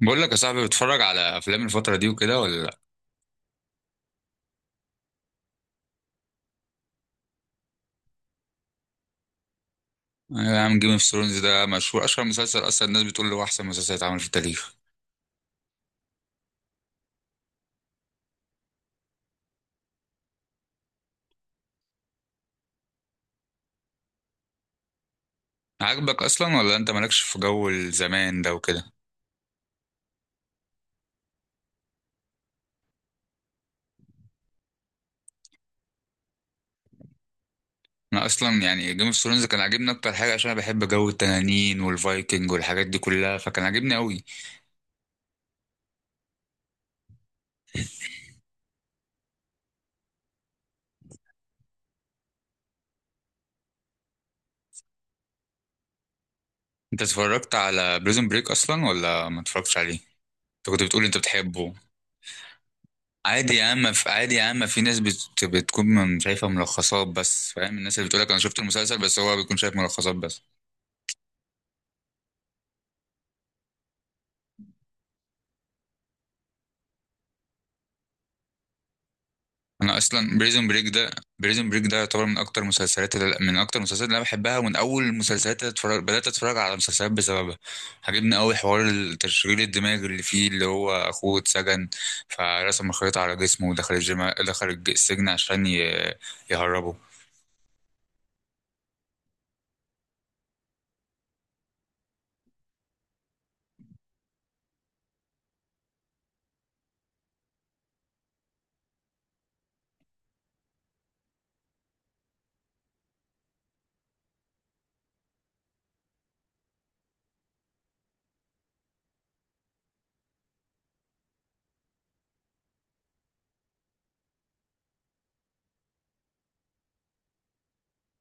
بقول لك يا صاحبي، بتتفرج على افلام الفتره دي وكده ولا لا؟ يا عم، جيم اوف ثرونز ده مشهور، اشهر مسلسل اصلا. الناس بتقول له احسن مسلسل اتعمل في التاريخ. عاجبك اصلا، ولا انت مالكش في جو الزمان ده وكده؟ انا اصلا يعني جيم اوف ثرونز كان عاجبني، اكتر حاجه عشان انا بحب جو التنانين والفايكنج والحاجات دي كلها، فكان عاجبني قوي. انت اتفرجت على بريزون بريك اصلا ولا ما اتفرجتش عليه؟ انت كنت بتقول انت بتحبه. عادي يا عم، في... ناس شايفه ملخصات بس، فاهم؟ الناس اللي بتقول لك انا شفت المسلسل، بس هو بيكون شايف ملخصات بس. انا اصلا بريزون بريك ده بريزون بريك ده يعتبر من اكتر المسلسلات اللي انا بحبها، ومن اول المسلسلات اللي بدات اتفرج على مسلسلات بسببها. عجبني قوي حوار التشغيل الدماغ اللي فيه، اللي هو اخوه اتسجن، فرسم الخريطه على جسمه ودخل السجن عشان يهربه.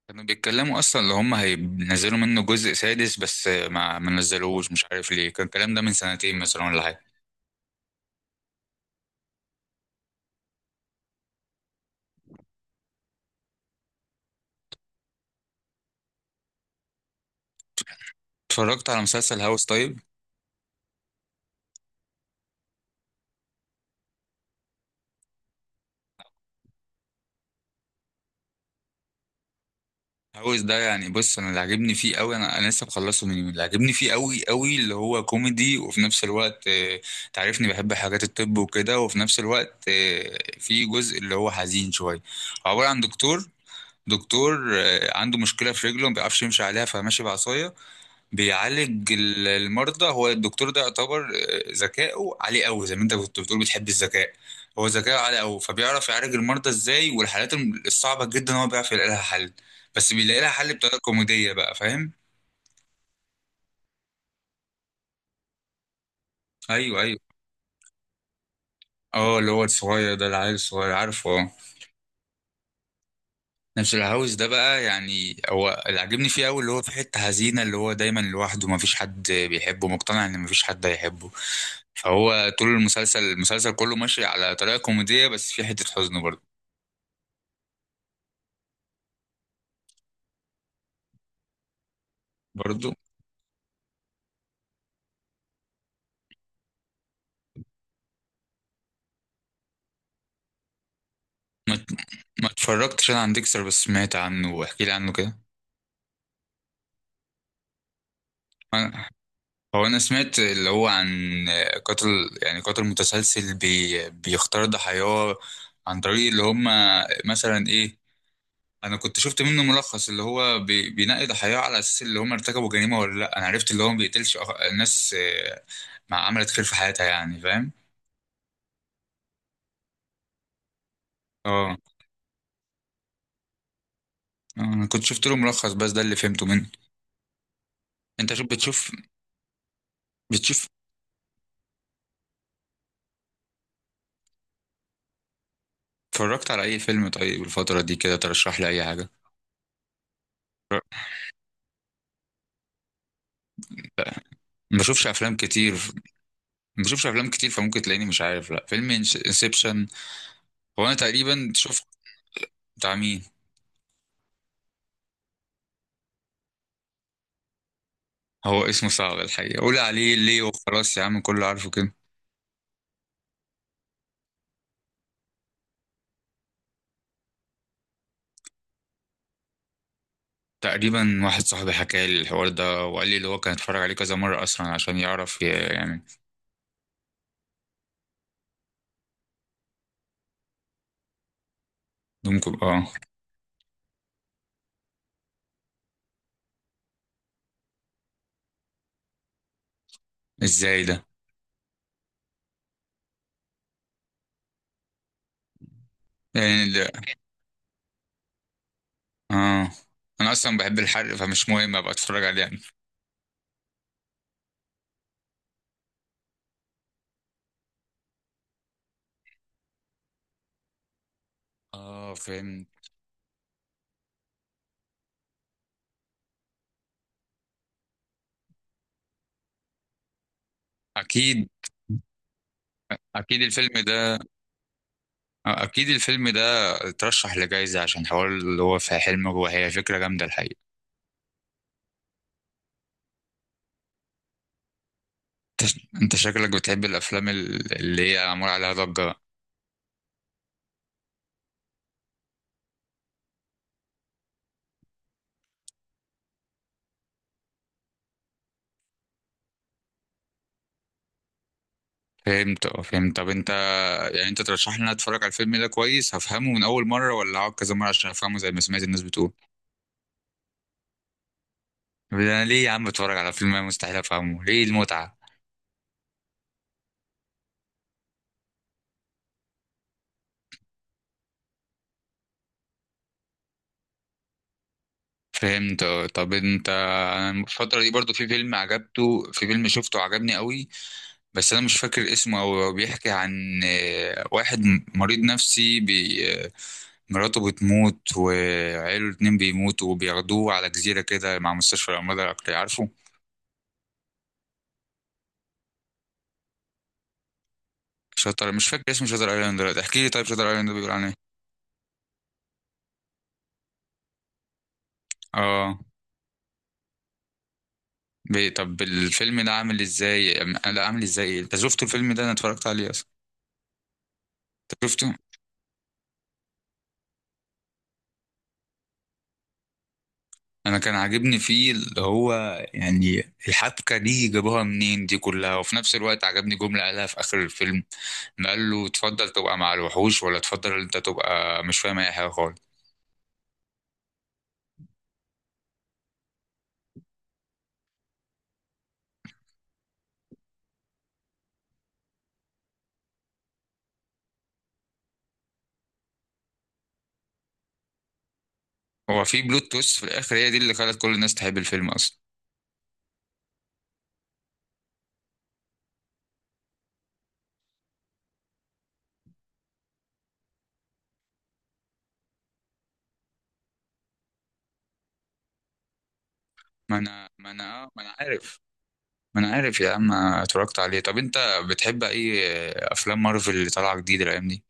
كانوا بيتكلموا اصلا اللي هم هينزلوا منه جزء سادس، بس ما نزلوش، مش عارف ليه، كان الكلام ده من سنتين مثلا ولا حاجه. اتفرجت على مسلسل هاوس طيب؟ هاوس ده يعني، بص، انا اللي عاجبني فيه قوي، انا لسه مخلصه من يومين، اللي عاجبني فيه قوي قوي اللي هو كوميدي، وفي نفس الوقت تعرفني بحب حاجات الطب وكده، وفي نفس الوقت في جزء اللي هو حزين شويه. عباره عن دكتور عنده مشكله في رجله، ما بيعرفش يمشي عليها، فماشي بعصايه. بيعالج المرضى. هو الدكتور ده يعتبر ذكائه عالي قوي، زي ما انت كنت بتقول بتحب الذكاء. هو ذكائه عالي قوي، فبيعرف يعالج المرضى ازاي، والحالات الصعبة جدا هو بيعرف يلاقي لها حل. بس بيلاقي لها حل بطريقة كوميدية بقى، فاهم؟ ايوه، ايوه. اه، اللي هو الصغير ده، العيل الصغير، عارفه، اه. نفس الهاوس ده بقى، يعني هو اللي عاجبني فيه قوي اللي هو في حتة حزينة، اللي هو دايما لوحده، مفيش حد بيحبه، مقتنع ان مفيش حد هيحبه. فهو طول المسلسل كله ماشي على طريقة كوميدية، بس في حتة حزن برضه. برضو، ما ما اتفرجتش انا عن ديكستر، بس سمعت عنه، واحكي لي عنه كده. أنا- هو انا سمعت اللي هو عن قاتل، يعني قاتل متسلسل بيختار ضحاياه عن طريق اللي هم، مثلا ايه، انا كنت شفت منه ملخص اللي هو بينقي ضحاياه على اساس اللي هم ارتكبوا جريمة ولا لا. انا عرفت اللي هو ما بيقتلش ناس ما عملت خير في حياتها، يعني، فاهم؟ اه، انا كنت شفت له ملخص، بس ده اللي فهمته منه. انت، شوف، بتشوف اتفرجت على اي فيلم طيب الفترة دي كده؟ ترشح لي اي حاجة. ما بشوفش افلام كتير ما بشوفش افلام كتير، فممكن تلاقيني مش عارف. لا، فيلم انسبشن، هو انا تقريبا شفت. بتاع مين؟ هو اسمه صعب الحقيقه، قول عليه ليه وخلاص يا عم، كله عارفه كده. تقريبا واحد صاحبي حكى لي الحوار ده، وقال لي اللي هو كان اتفرج عليه كذا مره اصلا عشان يعرف يعني. ممكن، اه. ازاي ده؟ يعني ده، اه، انا اصلا بحب الحرق، فمش مهم ابقى اتفرج عليه يعني. اه، فهمت. اكيد، اكيد الفيلم آه، اكيد الفيلم ده اترشح لجائزة، عشان حوار اللي هو في حلم جوه، هي فكرة جامدة الحقيقة. انت انت شكلك بتحب الافلام اللي هي معمول عليها ضجة. فهمت، اه، فهمت. طب انت، يعني انت ترشح لي ان أنا اتفرج على الفيلم ده؟ كويس، هفهمه من اول مرة ولا هقعد كذا مرة عشان افهمه زي ما سمعت الناس بتقول؟ طب انا ليه يا عم اتفرج على فيلم انا مستحيل افهمه؟ ليه المتعة؟ فهمت، اه. طب انا الفترة دي برضو، في فيلم شفته عجبني قوي، بس انا مش فاكر اسمه أوي. هو بيحكي عن واحد مريض نفسي بي آه، مراته بتموت وعيله الاتنين بيموتوا، وبياخدوه على جزيرة كده مع مستشفى الأمراض العقلية، عارفه؟ مش فاكر اسمه شاتر ايلاند دلوقتي، احكي لي طيب، شاتر ايلاند ده بيقول عن ايه؟ اه. طب الفيلم ده عامل ازاي لا، عامل ازاي إيه؟ انت شفته الفيلم ده؟ انا اتفرجت عليه اصلا. انت شفته؟ انا كان عاجبني فيه اللي هو، يعني، الحبكه دي جابوها منين دي كلها، وفي نفس الوقت عجبني جمله قالها في اخر الفيلم، إن قال له تفضل تبقى مع الوحوش ولا تفضل انت تبقى مش فاهم اي حاجه خالص. هو في بلوت تويست في الاخر، هي دي اللي خلت كل الناس تحب الفيلم اصلا. ما انا عارف، يا عم اتفرجت عليه. طب انت بتحب اي افلام مارفل اللي طالعه جديد الايام دي؟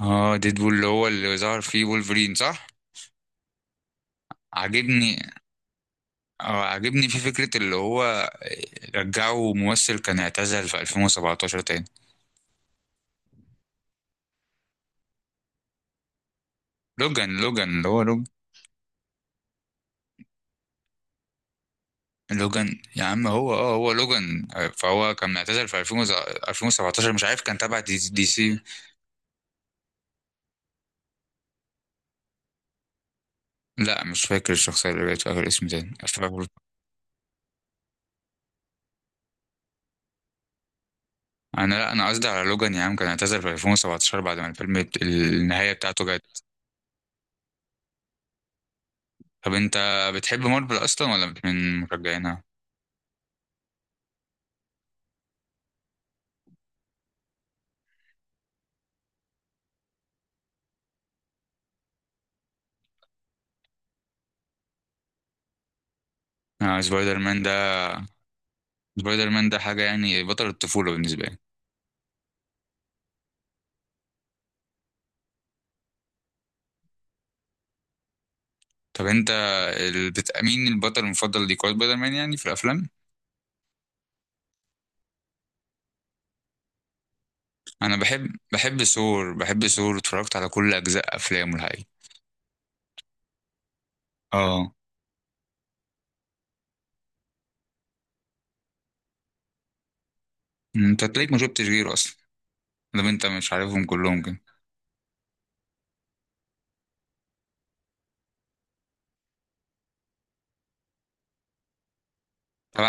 اه، ديدبول اللي هو اللي ظهر فيه وولفرين، صح؟ عاجبني، اه عاجبني في فكرة اللي هو رجعوا ممثل كان اعتزل في 2017 تاني. لوجان، لوجان، اللي هو لوجان. لوجان يا عم، هو لوجان. فهو كان اعتزل في 2000، 2017، مش عارف، كان تبع دي سي. لا، مش فاكر الشخصية اللي جت في آخر، اسم تاني أنا، لا، أنا قصدي على لوجان يا عم، كان اعتزل في 2017 بعد ما الفيلم النهاية بتاعته جت. طب أنت بتحب مارفل أصلا ولا من مشجعينها؟ آه سبايدر مان ده سبايدر مان ده حاجة يعني، بطل الطفولة بالنسبة لي. طب انت مين البطل المفضل ليك؟ هو سبايدر مان يعني في الافلام. انا بحب ثور بحب ثور، اتفرجت على كل اجزاء افلامه الحقيقه. اه. انت تلاقيك ما شفتش غيره اصلا، لو انت مش عارفهم كلهم كده. طب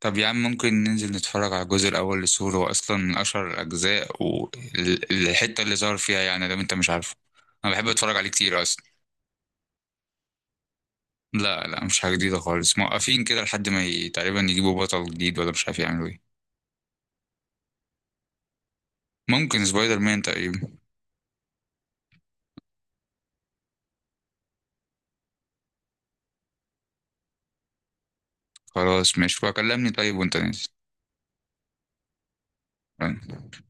طب يا عم، ممكن ننزل نتفرج على الجزء الاول لثور، هو اصلا من اشهر الاجزاء والحته اللي ظهر فيها، يعني لو انت مش عارفه، انا بحب اتفرج عليه كتير اصلا. لا لا، مش حاجه جديده خالص، موقفين كده لحد ما تقريبا يجيبوا بطل جديد، ولا مش عارف يعملوا ايه. ممكن سبايدر مان تقريبا. خلاص، ماشي بقى، كلمني طيب وانت نازل. تمام.